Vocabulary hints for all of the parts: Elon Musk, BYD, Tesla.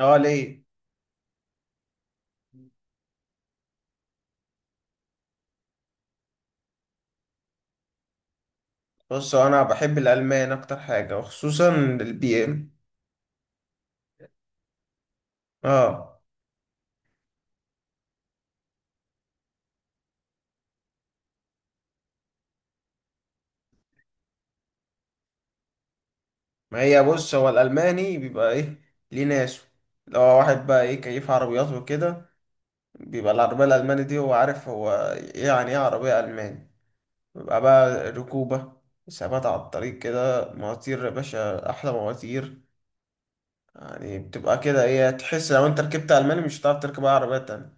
اه، ليه؟ بص، هو انا بحب الالمان اكتر حاجه وخصوصا البي ام. اه، ما هي بص، هو الالماني بيبقى ايه؟ ليه ناسه؟ لو هو واحد بقى ايه كيف عربيات وكده، بيبقى العربيه الالماني دي هو عارف هو يعني ايه عربيه الماني؟ بيبقى بقى ركوبه، ثبات على الطريق كده، مواتير يا باشا، احلى مواتير. يعني بتبقى كده ايه، تحس لو انت ركبت الماني مش هتعرف تركب اي عربيه تانية.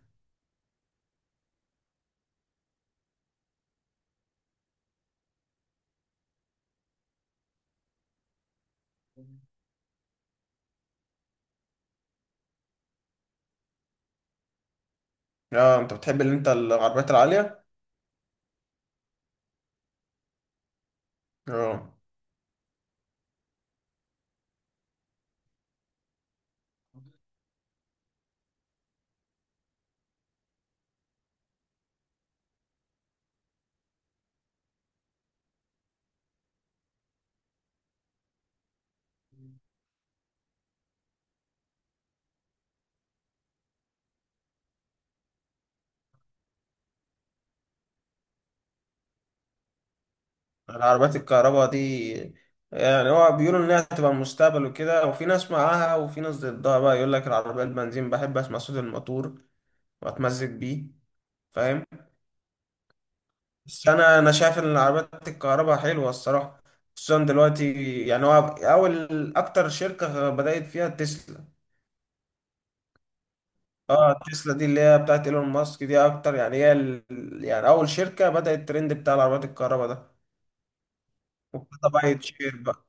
اه، انت بتحب اللي انت العربيات العاليه. اه. العربيات الكهرباء دي يعني هو بيقولوا انها هتبقى المستقبل وكده، وفي ناس معاها وفي ناس ضدها، بقى يقول لك العربية البنزين بحب اسمع صوت الموتور واتمزج بيه، فاهم. بس انا شايف ان العربيات الكهرباء حلوة الصراحة، خصوصا دلوقتي. يعني هو اول اكتر شركة بدأت فيها تسلا. اه، تسلا دي اللي هي بتاعت ايلون ماسك دي اكتر، يعني هي يعني اول شركة بدأت الترند بتاع العربيات الكهرباء ده، وابتدى بقى يتشير بقى.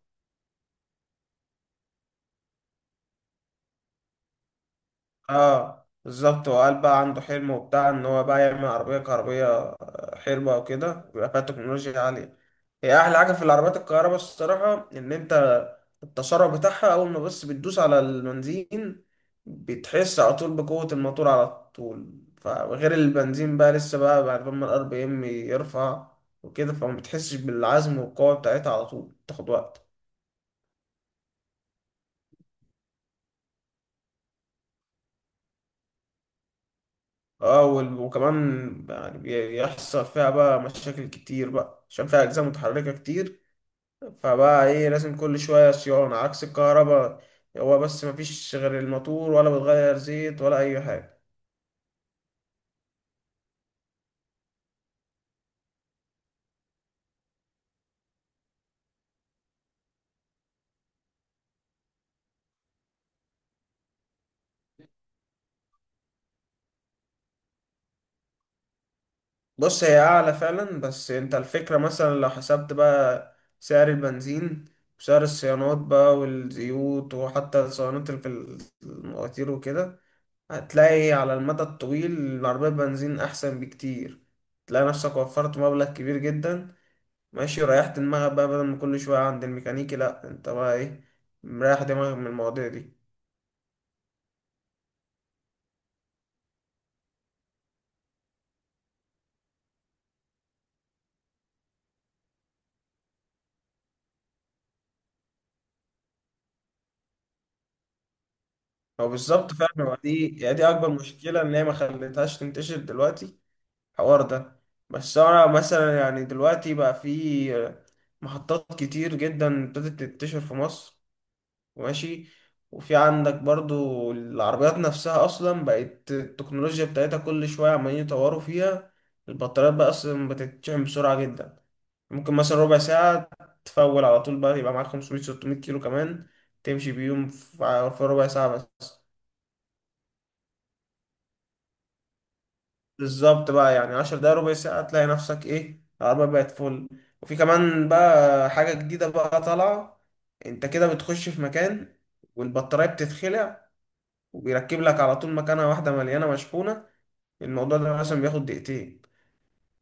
اه بالظبط، وقال بقى عنده حلم وبتاع ان هو بقى يعمل عربية كهربية حلوة وكده، ويبقى فيها تكنولوجيا عالية. هي احلى حاجة في العربيات الكهرباء الصراحة ان انت التسارع بتاعها اول ما بس بتدوس على البنزين بتحس على طول بقوة الموتور على طول. فغير البنزين بقى لسه بقى بعد ما الار بي ام يرفع وكده، فما بتحسش بالعزم والقوة بتاعتها على طول، تاخد وقت. اه، وكمان يعني يحصل فيها بقى مشاكل كتير بقى عشان فيها أجزاء متحركة كتير، فبقى ايه لازم كل شوية صيانة، عكس الكهرباء هو بس مفيش غير الموتور، ولا بتغير زيت ولا أي حاجة. بص، هي أعلى فعلا، بس انت الفكرة مثلا لو حسبت بقى سعر البنزين وسعر الصيانات بقى والزيوت، وحتى الصيانات اللي في المواتير وكده، هتلاقي على المدى الطويل العربية بنزين أحسن بكتير، تلاقي نفسك وفرت مبلغ كبير جدا، ماشي، وريحت دماغك بقى بدل ما كل شوية عند الميكانيكي، لأ، أنت بقى إيه، مريح دماغك من المواضيع دي. هو بالظبط فعلا، هو دي يعني دي أكبر مشكلة إن هي ما خلتهاش تنتشر دلوقتي الحوار ده. بس أنا مثلا يعني دلوقتي بقى في محطات كتير جدا ابتدت تنتشر في مصر، ماشي. وفي عندك برضو العربيات نفسها اصلا بقت التكنولوجيا بتاعتها كل شوية عمالين يطوروا فيها. البطاريات بقى اصلا بتتشحن بسرعة جدا، ممكن مثلا ربع ساعة تفول على طول، بقى يبقى معاك 500 600 كيلو كمان تمشي بيهم في ربع ساعة بس. بالظبط بقى، يعني 10 دقايق، ربع ساعة، تلاقي نفسك ايه العربية بقت فل. وفي كمان بقى حاجة جديدة بقى طالعة، انت كده بتخش في مكان والبطارية بتتخلع وبيركب لك على طول مكانها واحدة مليانة مشحونة. الموضوع ده مثلا بياخد دقيقتين،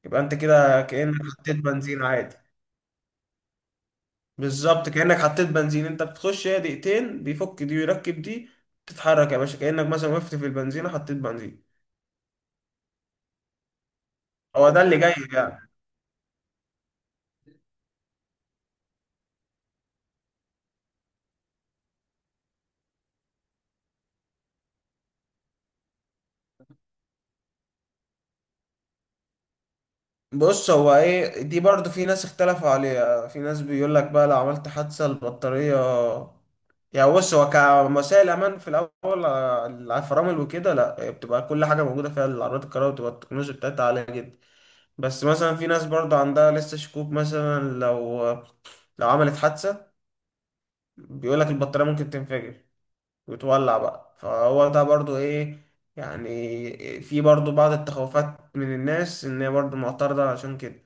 يبقى انت كده كأنك حطيت بنزين عادي. بالظبط، كأنك حطيت بنزين، انت بتخش، هي دقيقتين بيفك دي ويركب دي، تتحرك يا باشا كأنك مثلا وقفت في البنزينة حطيت بنزين. هو ده اللي جاي يعني. بص، هو ايه دي برضو في ناس اختلفوا عليها، في ناس بيقول لك بقى لو عملت حادثة البطارية، يعني بص هو كمسائل امان في الاول الفرامل وكده لا، هي بتبقى كل حاجة موجودة فيها. العربيات الكهرباء بتبقى التكنولوجيا بتاعتها عالية جدا. بس مثلا في ناس برضو عندها لسه شكوك، مثلا لو عملت حادثة بيقول لك البطارية ممكن تنفجر وتولع بقى، فهو ده برضو ايه يعني في برضو بعض التخوفات من الناس ان هي برضو معترضة عشان كده.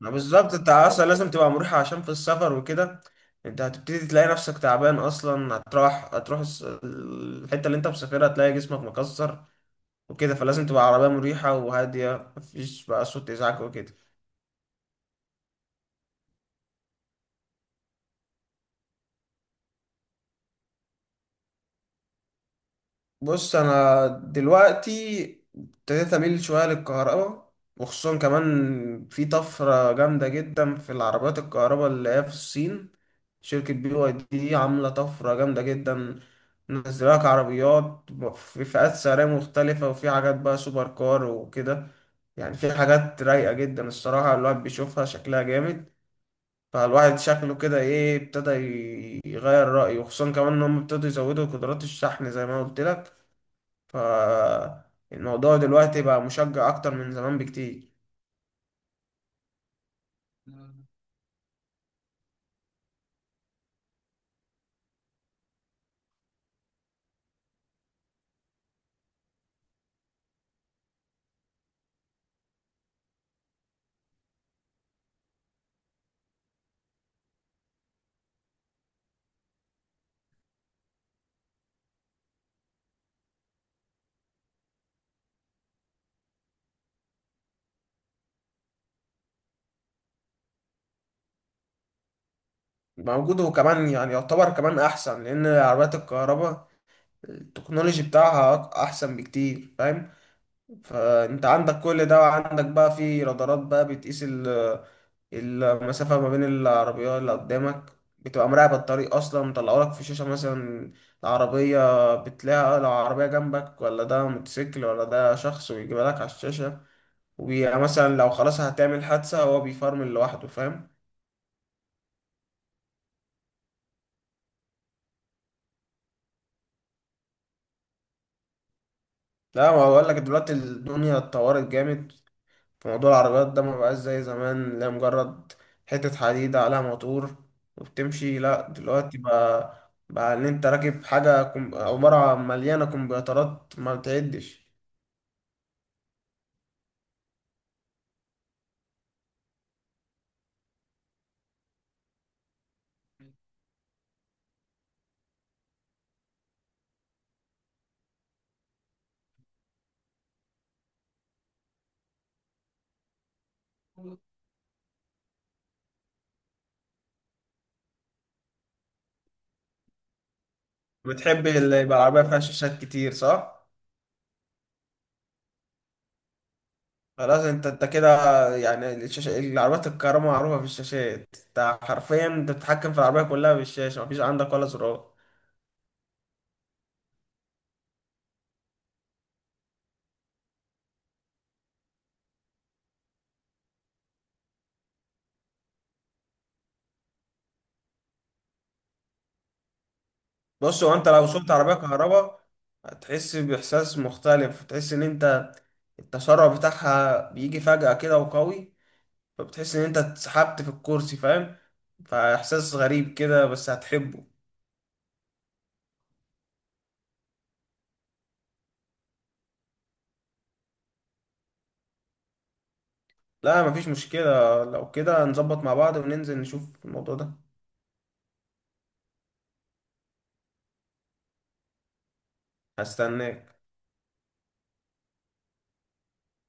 ما بالظبط، انت اصلا لازم تبقى مريحة عشان في السفر وكده انت هتبتدي تلاقي نفسك تعبان. اصلا هتروح الحتة اللي انت مسافرها هتلاقي جسمك مكسر وكده، فلازم تبقى عربية مريحة وهادية، مفيش بقى صوت ازعاج وكده. بص، انا دلوقتي ابتديت اميل شويه للكهرباء، وخصوصا كمان في طفره جامده جدا في العربيات الكهرباء اللي هي في الصين. شركه بي واي دي عامله طفره جامده جدا، منزلاك عربيات في فئات سعريه مختلفه، وفي حاجات بقى سوبر كار وكده. يعني في حاجات رايقه جدا الصراحه، الواحد بيشوفها شكلها جامد، فالواحد شكله كده ايه ابتدى يغير رايه. وخصوصا كمان ان هم ابتدوا يزودوا قدرات الشحن زي ما قلت لك، فالموضوع دلوقتي بقى مشجع أكتر من زمان بكتير. موجود، وكمان يعني يعتبر كمان أحسن لأن عربيات الكهرباء التكنولوجي بتاعها أحسن بكتير، فاهم. فأنت عندك كل ده، وعندك بقى في رادارات بقى بتقيس المسافة ما بين العربيات اللي قدامك، بتبقى مراقبة الطريق أصلا، مطلعوا لك في شاشة مثلا العربية، بتلاقي لو عربية جنبك ولا ده موتوسيكل ولا ده شخص، ويجيبها لك على الشاشة. ومثلا لو خلاص هتعمل حادثة هو بيفرمل لوحده، فاهم. لا، ما بقول لك دلوقتي الدنيا اتطورت جامد في موضوع العربيات ده، ما بقاش زي زمان لا مجرد حتة حديد عليها موتور وبتمشي، لا، دلوقتي بقى بقى ان انت راكب حاجة عبارة عن مليانة كمبيوترات ما بتعدش. بتحب اللي يبقى العربية فيها شاشات كتير، صح؟ خلاص، انت انت كده يعني الشاشة، العربيات الكهرباء معروفة في الشاشات، انت حرفيا انت بتتحكم في العربية كلها بالشاشة، مفيش عندك ولا زرار. بص، هو انت لو سوقت عربيه كهرباء هتحس باحساس مختلف، تحس ان انت التسارع بتاعها بيجي فجأة كده وقوي، فبتحس ان انت اتسحبت في الكرسي، فاهم. فاحساس غريب كده، بس هتحبه. لا، مفيش مشكله، لو كده نظبط مع بعض وننزل نشوف الموضوع ده. هستناك.